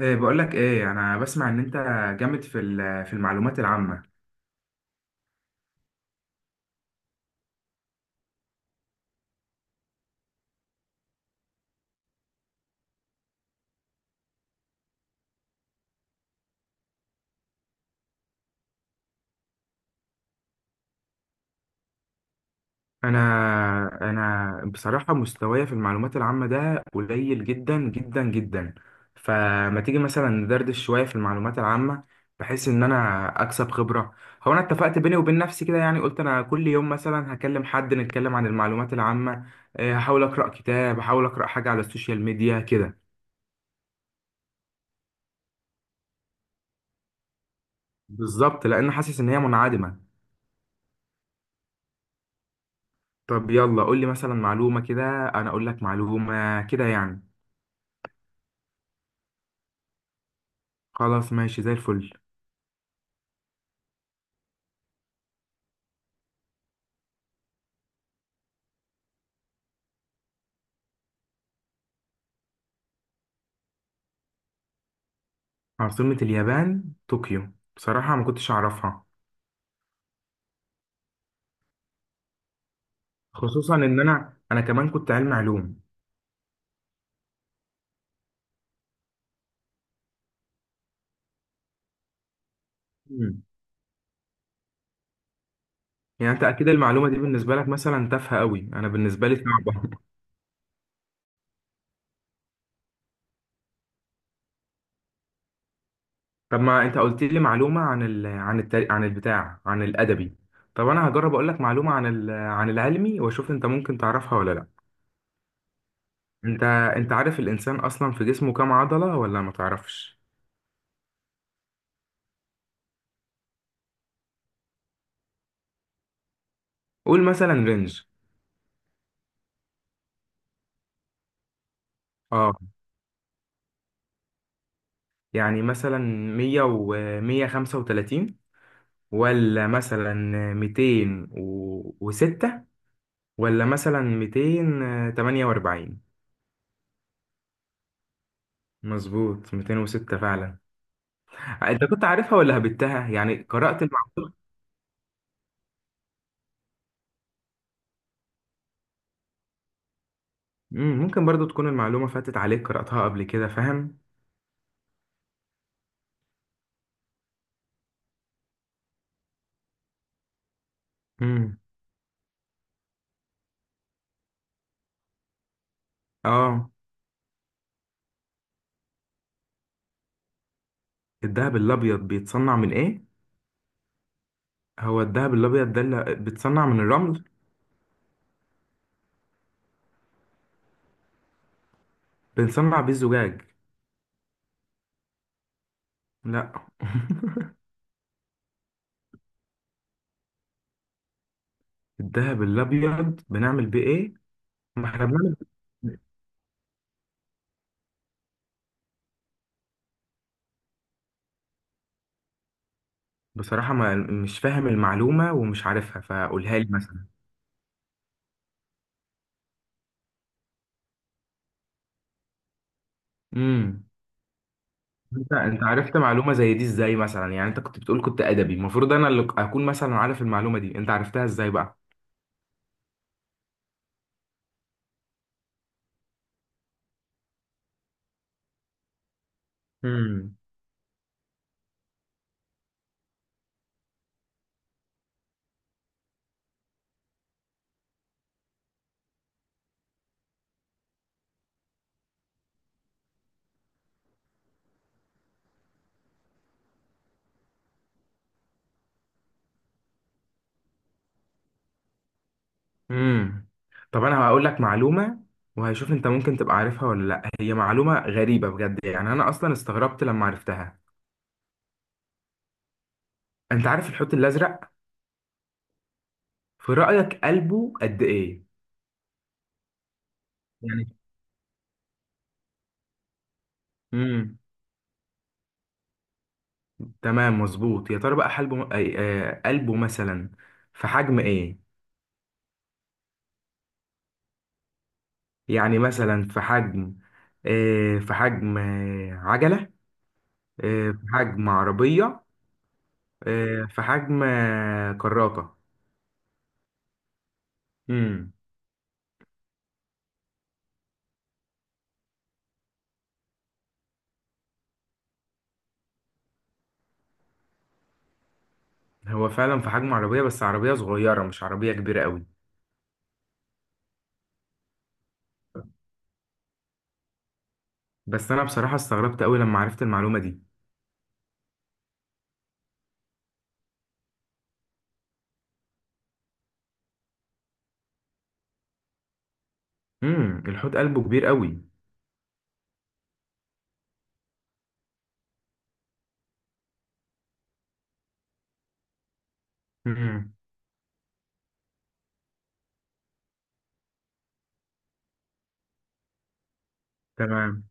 إيه، بقول لك ايه، انا بسمع ان انت جامد في في المعلومات العامه. انا انا بصراحه مستواي في المعلومات العامه ده قليل جدا جدا جدا، فما تيجي مثلا ندردش شويه في المعلومات العامه بحيث ان انا اكسب خبره. هو انا اتفقت بيني وبين نفسي كده، يعني قلت انا كل يوم مثلا هكلم حد نتكلم عن المعلومات العامه. إيه، هحاول اقرا كتاب، هحاول اقرا حاجه على السوشيال ميديا كده. بالظبط، لان حاسس ان هي منعدمه. طب يلا قول لي مثلا معلومة كده. أنا أقول لك معلومة كده يعني. خلاص، ماشي زي الفل. عاصمة اليابان طوكيو، بصراحة ما كنتش أعرفها. خصوصا إن أنا كمان كنت علم علوم. مم. يعني أنت أكيد المعلومة دي بالنسبة لك مثلا تافهة قوي، أنا بالنسبة لي صعبة. طب ما أنت قلت لي معلومة عن التاريخ، عن البتاع، عن الأدبي. طب أنا هجرب أقول لك معلومة عن العلمي وأشوف أنت ممكن تعرفها ولا لأ. أنت أنت عارف الإنسان أصلا في جسمه كام عضلة، ولا ما تعرفش؟ قول مثلا رينج. اه، يعني مثلا مية ومية خمسة وتلاتين، ولا مثلا 206، ولا مثلا 248. مظبوط، 206 فعلا. أنت كنت عارفها ولا هبتها؟ يعني قرأت المعلومة. ممكن برضو تكون المعلومة فاتت عليك قرأتها قبل كده، فاهم. مم. اه. الذهب الأبيض بيتصنع من إيه؟ هو الذهب الأبيض ده اللي بيتصنع من الرمل. بنصنع بيه الزجاج. لا. الذهب الأبيض بنعمل بيه إيه؟ ما احنا بنعمل. بصراحة ما مش فاهم المعلومة ومش عارفها، فقولها لي مثلا. امم. انت عرفت معلومة زي دي ازاي مثلا؟ يعني انت كنت بتقول كنت ادبي، المفروض انا اللي اكون مثلا عارف المعلومة دي، انت عرفتها ازاي بقى؟ امم. امم. طب انا هقول لك معلومة وهشوف انت ممكن تبقى عارفها ولا لا. هي معلومة غريبة بجد، يعني انا اصلا استغربت لما عرفتها. انت عارف الحوت الازرق؟ في رأيك قلبه قد ايه؟ يعني. تمام مظبوط. يا ترى بقى حلبه قلبه مثلا في حجم ايه؟ يعني مثلا في حجم عجلة. في حجم عربية. في حجم كراكة. امم. هو فعلا في حجم عربية، بس عربية صغيرة مش عربية كبيرة قوي. بس انا بصراحة استغربت قوي لما عرفت المعلومة دي. الحوت قلبه كبير قوي. امم تمام.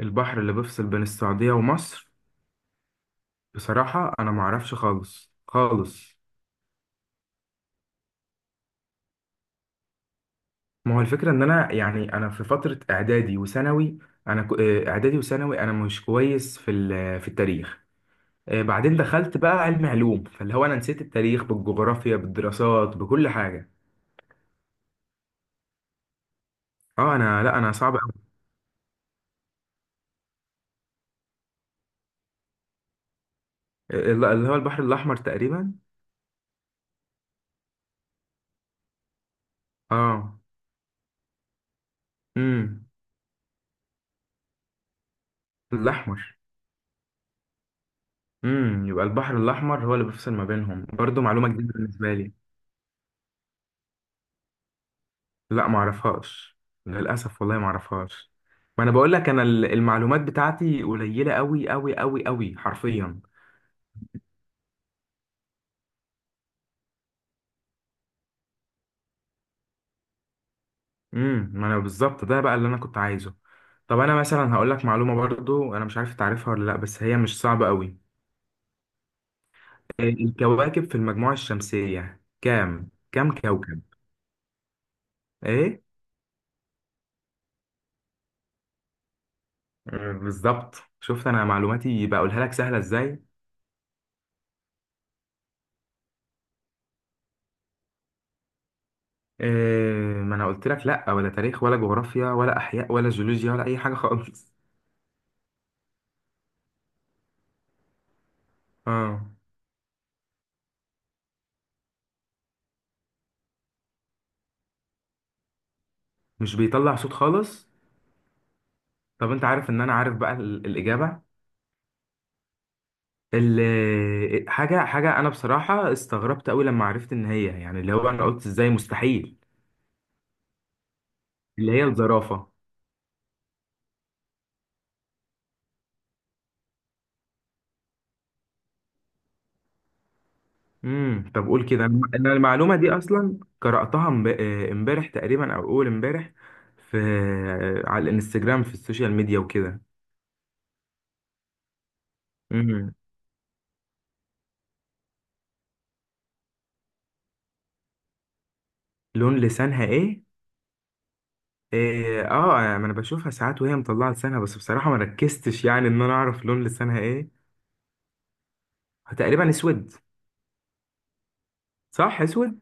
البحر اللي بيفصل بين السعودية ومصر؟ بصراحة انا معرفش خالص خالص. ما هو الفكرة إن أنا، يعني أنا في فترة إعدادي وثانوي، أنا إعدادي وثانوي، أنا مش كويس في في التاريخ. بعدين دخلت بقى علم علوم، فاللي هو أنا نسيت التاريخ بالجغرافيا بالدراسات بكل حاجة. أه، أنا لأ، أنا صعب أوي. اللي هو البحر الأحمر تقريبا. أه. امم. الأحمر. يبقى البحر الأحمر هو اللي بيفصل ما بينهم، برضه معلومة جديدة بالنسبة لي. لا، معرفهاش. للأسف والله معرفهاش. ما أنا بقول لك، أنا المعلومات بتاعتي قليلة أوي أوي أوي أوي حرفيا. ما أنا بالظبط ده بقى اللي أنا كنت عايزه. طب أنا مثلا هقول لك معلومة برضو، أنا مش عارف تعرفها ولا لأ، بس هي مش صعبة أوي. الكواكب في المجموعة الشمسية كام كوكب؟ إيه. بالظبط، شفت أنا معلوماتي بقولها لك سهلة إزاي. إيه. ما أنا قلت لك لأ، ولا تاريخ ولا جغرافيا ولا أحياء ولا جيولوجيا ولا أي حاجة خالص. اه، مش بيطلع صوت خالص. طب انت عارف ان انا عارف بقى الاجابه. حاجه انا بصراحه استغربت قوي لما عرفت ان هي، يعني اللي هو انا قلت ازاي، مستحيل. اللي هي الزرافه. طب قول كده، أنا المعلومه دي اصلا قراتها امبارح تقريبا او اول امبارح. في آه، على الانستجرام، في السوشيال ميديا وكده. امم لون لسانها ايه؟ إيه، اه، ما انا بشوفها ساعات وهي مطلعه لسانها، بس بصراحه ما ركزتش يعني ان انا اعرف لون لسانها ايه. تقريبا اسود. صح، اسود.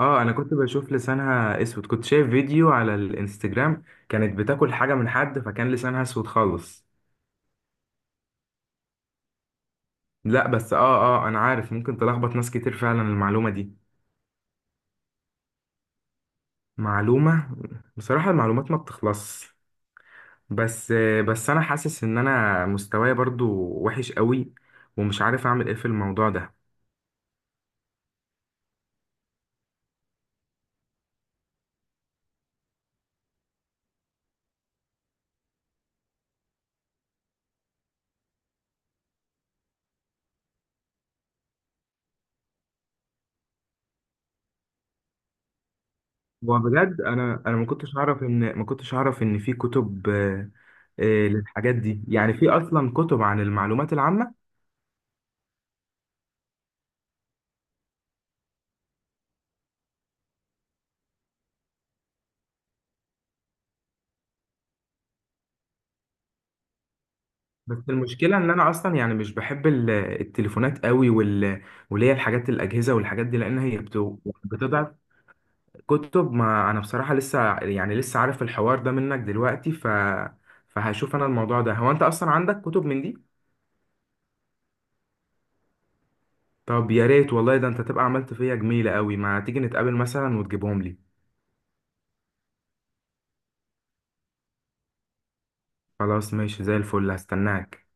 اه، انا كنت بشوف لسانها اسود، كنت شايف فيديو على الانستجرام، كانت بتاكل حاجه من حد فكان لسانها اسود خالص. لا، بس اه. اه، انا عارف ممكن تلخبط ناس كتير فعلا المعلومه دي. معلومه. بصراحه المعلومات ما بتخلصش. بس. بس انا حاسس ان انا مستواي برضو وحش قوي، ومش عارف اعمل ايه في الموضوع ده. وبجد انا ما كنتش اعرف ان، في كتب للحاجات دي، يعني في اصلا كتب عن المعلومات العامه. بس المشكلة ان انا اصلا يعني مش بحب التليفونات قوي، واللي هي الحاجات الاجهزة والحاجات دي لان هي بتضعف. كتب، ما انا بصراحة يعني لسه عارف الحوار ده منك دلوقتي فهشوف انا الموضوع ده. هو انت اصلا عندك كتب من دي؟ طب يا ريت والله، ده انت تبقى عملت فيا جميلة قوي. ما تيجي نتقابل مثلا وتجيبهم لي. خلاص، ماشي زي الفل، هستناك.